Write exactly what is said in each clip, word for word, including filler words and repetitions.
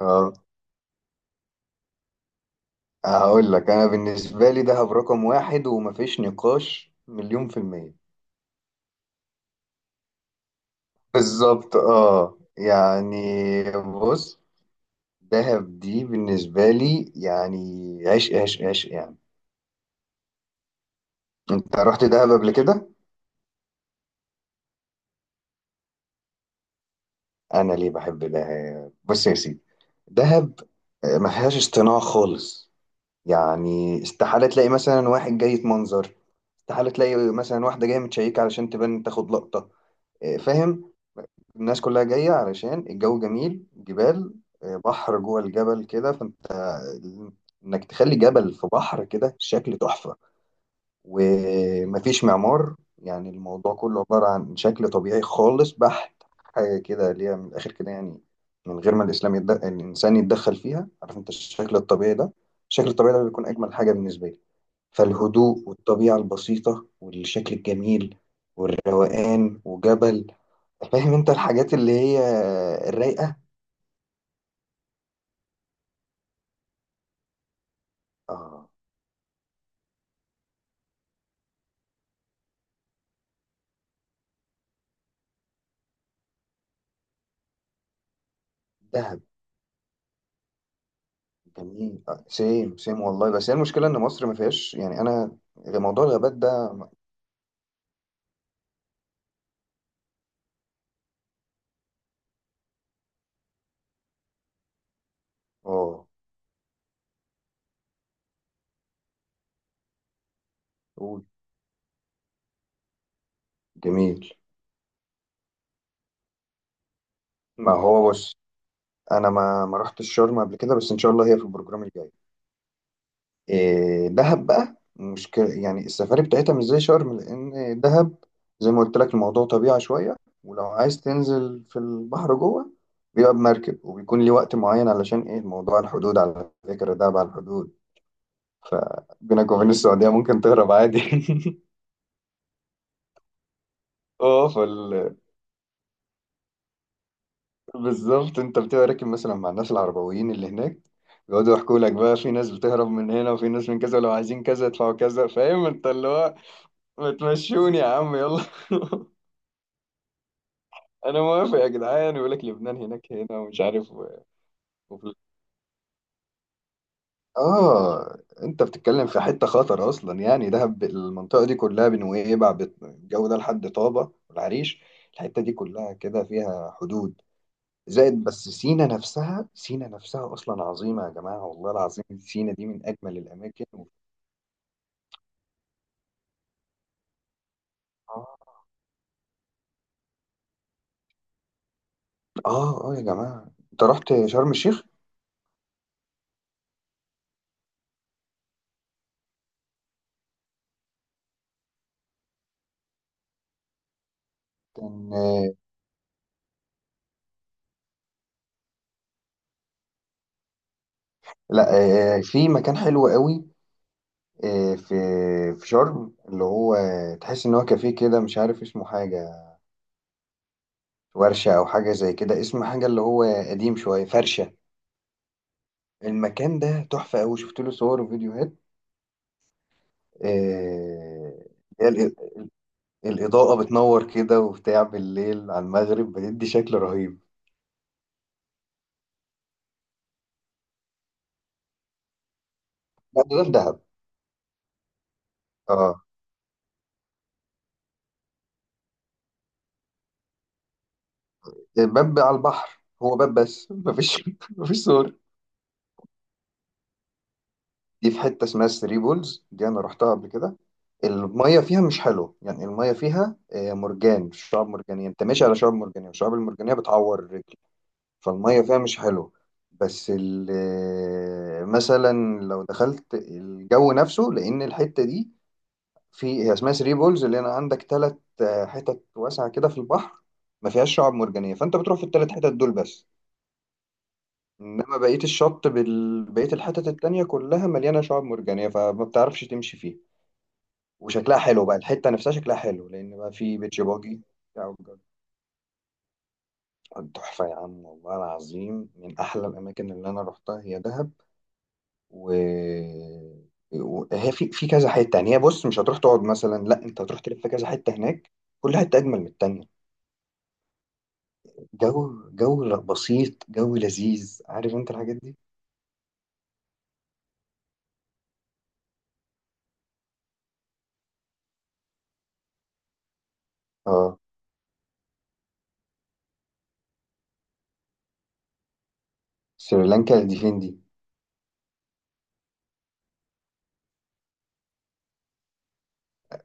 آه، هقول لك انا بالنسبه لي دهب رقم واحد ومفيش نقاش مليون في المية. بالظبط، اه يعني بص، دهب دي بالنسبه لي يعني عشق عشق عشق يعني. انت رحت دهب قبل كده؟ انا ليه بحب دهب؟ بص يا سيدي، دهب آه، ما فيهاش اصطناع خالص. يعني استحاله تلاقي مثلا واحد جاي يتمنظر، استحاله تلاقي مثلا واحده جايه متشيكه علشان تبان تاخد لقطه. آه، فاهم؟ الناس كلها جاية علشان الجو جميل، جبال، آه، بحر جوه الجبل كده، فانت ال- انك تخلي جبل في بحر كده شكل تحفة. ومفيش معمار، يعني الموضوع كله عبارة عن شكل طبيعي خالص بحت، حاجة كده اللي هي من الآخر كده يعني، من غير ما الإسلام يد... الإنسان يتدخل فيها. عارف انت الشكل الطبيعي ده الشكل الطبيعي ده بيكون أجمل حاجة بالنسبة لي. فالهدوء والطبيعة البسيطة والشكل الجميل والروقان وجبل، فاهم انت الحاجات اللي هي الرايقه. اه، دهب جميل. آه، سيم سيم والله. بس هي المشكله ان مصر ما فيهاش يعني، انا موضوع الغابات ده. اه، قول. جميل. ما هو بص، انا ما ما رحتش شرم قبل كده، بس ان شاء الله هي في البروجرام الجاي. إيه، دهب بقى مش ك... يعني السفاري بتاعتها مش زي شرم. لأن دهب، زي ما قلت لك، الموضوع طبيعة شوية. ولو عايز تنزل في البحر جوه بيبقى بمركب، وبيكون ليه وقت معين، علشان إيه؟ الموضوع الحدود. على فكرة دهب على الحدود، فبينك وبين السعودية ممكن تهرب عادي. اه فال... بالظبط. انت بتبقى راكب مثلا مع الناس العربويين اللي هناك، بيقعدوا يحكوا لك بقى في ناس بتهرب من هنا، وفي ناس من كذا، ولو عايزين كذا يدفعوا كذا، فاهم انت اللي هو ما تمشوني يا عم يلا. انا موافق يا جدعان، يقول لك لبنان هناك هنا، ومش عارف و... وفي... اه، انت بتتكلم في حته خطر اصلا. يعني دهب، المنطقه دي كلها، بنويبع، بت- الجو ده لحد طابه والعريش، الحته دي كلها كده فيها حدود. زائد، بس سينا نفسها سينا نفسها اصلا عظيمه يا جماعه والله العظيم. سينا دي من اجمل الاماكن و... اه اه آه يا جماعه، انت رحت شرم الشيخ؟ كان آه، لا، آه، في مكان حلو قوي. إيه، في في شرم، اللي هو تحس ان هو كافيه كده، مش عارف اسمه، حاجه ورشه او حاجه زي كده، اسم حاجه اللي هو قديم شويه، فرشه. المكان ده تحفه قوي، شفت له صور وفيديوهات. إيه، هي الإ- الاضاءه بتنور كده وبتاع، بالليل على المغرب بتدي شكل رهيب. لا، ده ده في دهب. اه، الباب على البحر هو باب بس، مفيش مفيش صور. دي في حته اسمها ثري بولز، دي انا رحتها قبل كده. الميه فيها مش حلوه، يعني الميه فيها آه، مرجان، شعاب مرجانيه، انت ماشي على شعاب مرجانيه، والشعاب المرجانيه بتعور الرجل، فالميه فيها مش حلوه. بس ال- آه، مثلا لو دخلت الجو نفسه، لان الحته دي، في هي اسمها ثري بولز، اللي انا عندك ثلاث حتت واسعه كده في البحر ما فيهاش شعاب مرجانيه، فانت بتروح في الثلاث حتت دول بس. انما بقيه الشط بال... بقيه الحتت التانية كلها مليانه شعاب مرجانيه، فما بتعرفش تمشي فيها. وشكلها حلو بقى، الحتة نفسها شكلها حلو، لأن بقى في بيتش باجي بتاع وجد. تحفة يا عم، والله العظيم من أحلى الأماكن اللي أنا روحتها هي دهب. و وهي في في كذا حتة، يعني هي بص، مش هتروح تقعد مثلا، لا، أنت هتروح تلف كذا حتة هناك، كل حتة أجمل من التانية. جو، جو بسيط، جو لذيذ، عارف أنت الحاجات دي؟ اه. سريلانكا دي فين دي؟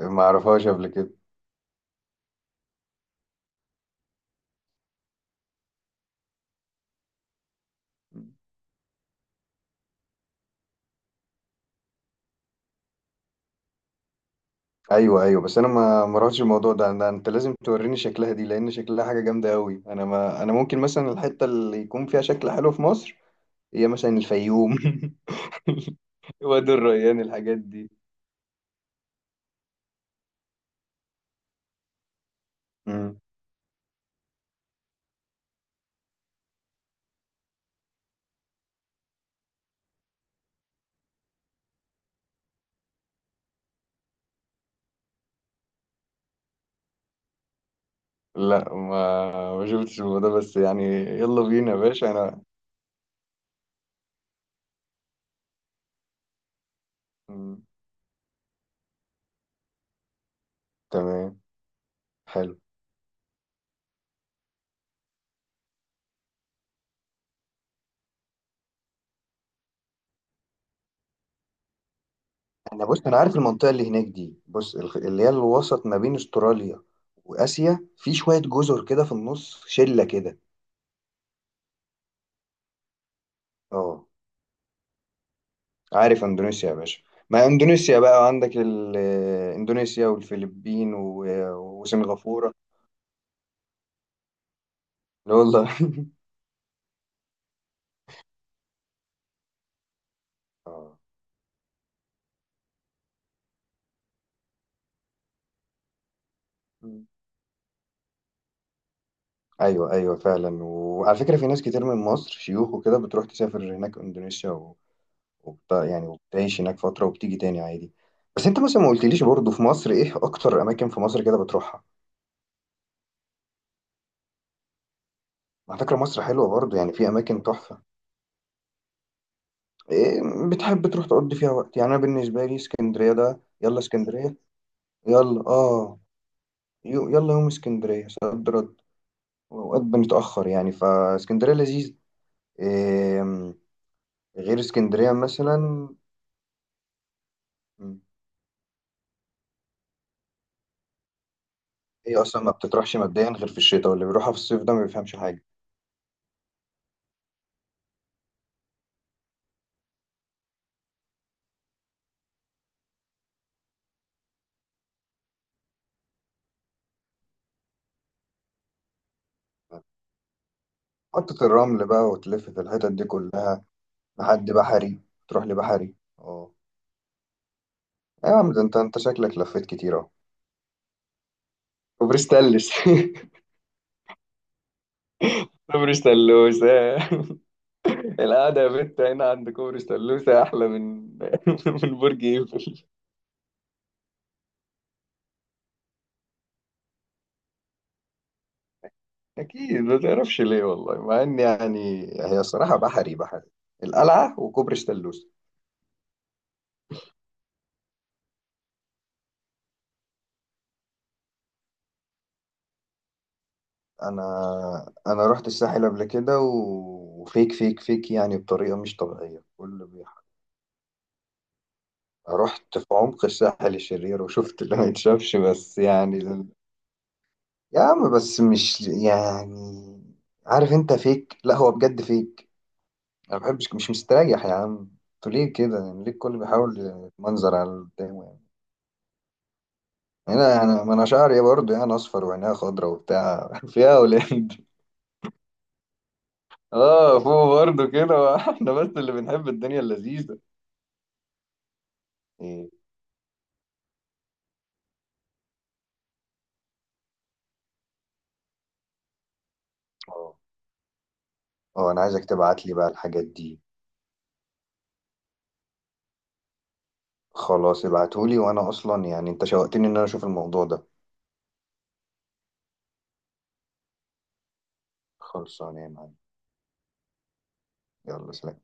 ما أعرفهاش قبل كده. ايوه، ايوه، بس انا ما ما رحتش الموضوع ده. أنا- انت لازم توريني شكلها دي، لان شكلها حاجه جامده قوي. انا ما انا ممكن مثلا الحته اللي يكون فيها شكل حلو في مصر هي مثلا الفيوم، وادي الريان، الحاجات دي. مم. لا، ما ما شفتش الموضوع ده، بس يعني يلا بينا يا باشا. انا. مم. تمام. حلو. انا بص، انا عارف المنطقه اللي هناك دي. بص، الخ- اللي هي الوسط ما بين استراليا واسيا، في شويه جزر كده في النص، شله كده. اه، عارف اندونيسيا يا باشا؟ ما اندونيسيا بقى عندك ال- اندونيسيا والفلبين و- وسنغافورة. لا والله. آه. ايوه، ايوه، فعلا. وعلى فكرة في ناس كتير من مصر شيوخ وكده بتروح تسافر هناك اندونيسيا و... وبت... يعني وبتعيش هناك فترة وبتيجي تاني عادي. بس انت مثلا ما قلتليش برضه، في مصر ايه اكتر اماكن في مصر كده بتروحها؟ على فكرة مصر حلوة برضه، يعني في اماكن تحفة. إيه بتحب تروح تقضي فيها وقت؟ يعني انا بالنسبة لي اسكندرية ده يلا، اسكندرية يلا. اه، يو- يلا يوم اسكندرية صد رد، وأوقات بنتأخر يعني، فاسكندرية لذيذ. إيه غير اسكندرية مثلا؟ م، هي أصلا ما بتطرحش مبدئيا غير في الشتاء، واللي بيروحها في الصيف ده ما بيفهمش حاجة. محطة الرمل بقى، وتلف في الحتت دي كلها لحد بحري. تروح لبحري، اه. يا عم ده انت انت شكلك لفيت كتير اهو. كوبري ستانلس. كوبري ستانلوسة. القعدة يا بت هنا عند كوبري ستانلوسة أحلى من من برج إيفل. اكيد، ما تعرفش ليه والله، مع ان يعني هي صراحه بحري، بحري القلعه وكوبري ستانلوس. انا، انا رحت الساحل قبل كده، و- وفيك فيك فيك يعني، بطريقه مش طبيعيه كل بيحر. رحت في عمق الساحل الشرير وشفت اللي ما يتشافش، بس يعني ال- يا عم بس مش يعني، عارف انت فيك، لا هو بجد فيك. انا ما بحبش، مش مستريح يا عم. انتوا ليه كده؟ يعني ليه الكل بيحاول يتمنظر على اللي قدامه؟ هنا يعني، ما انا شعري برضه يعني اصفر وعينيها خضرا وبتاع فيها اولاد. اه فوق برضه كده، احنا بس اللي بنحب الدنيا اللذيذه. ايه؟ اه، اه، انا عايزك تبعت لي بقى الحاجات دي. خلاص، ابعتولي، وانا اصلا يعني انت شوقتني ان انا اشوف الموضوع ده. خلصانه يا معلم. يلا سلام.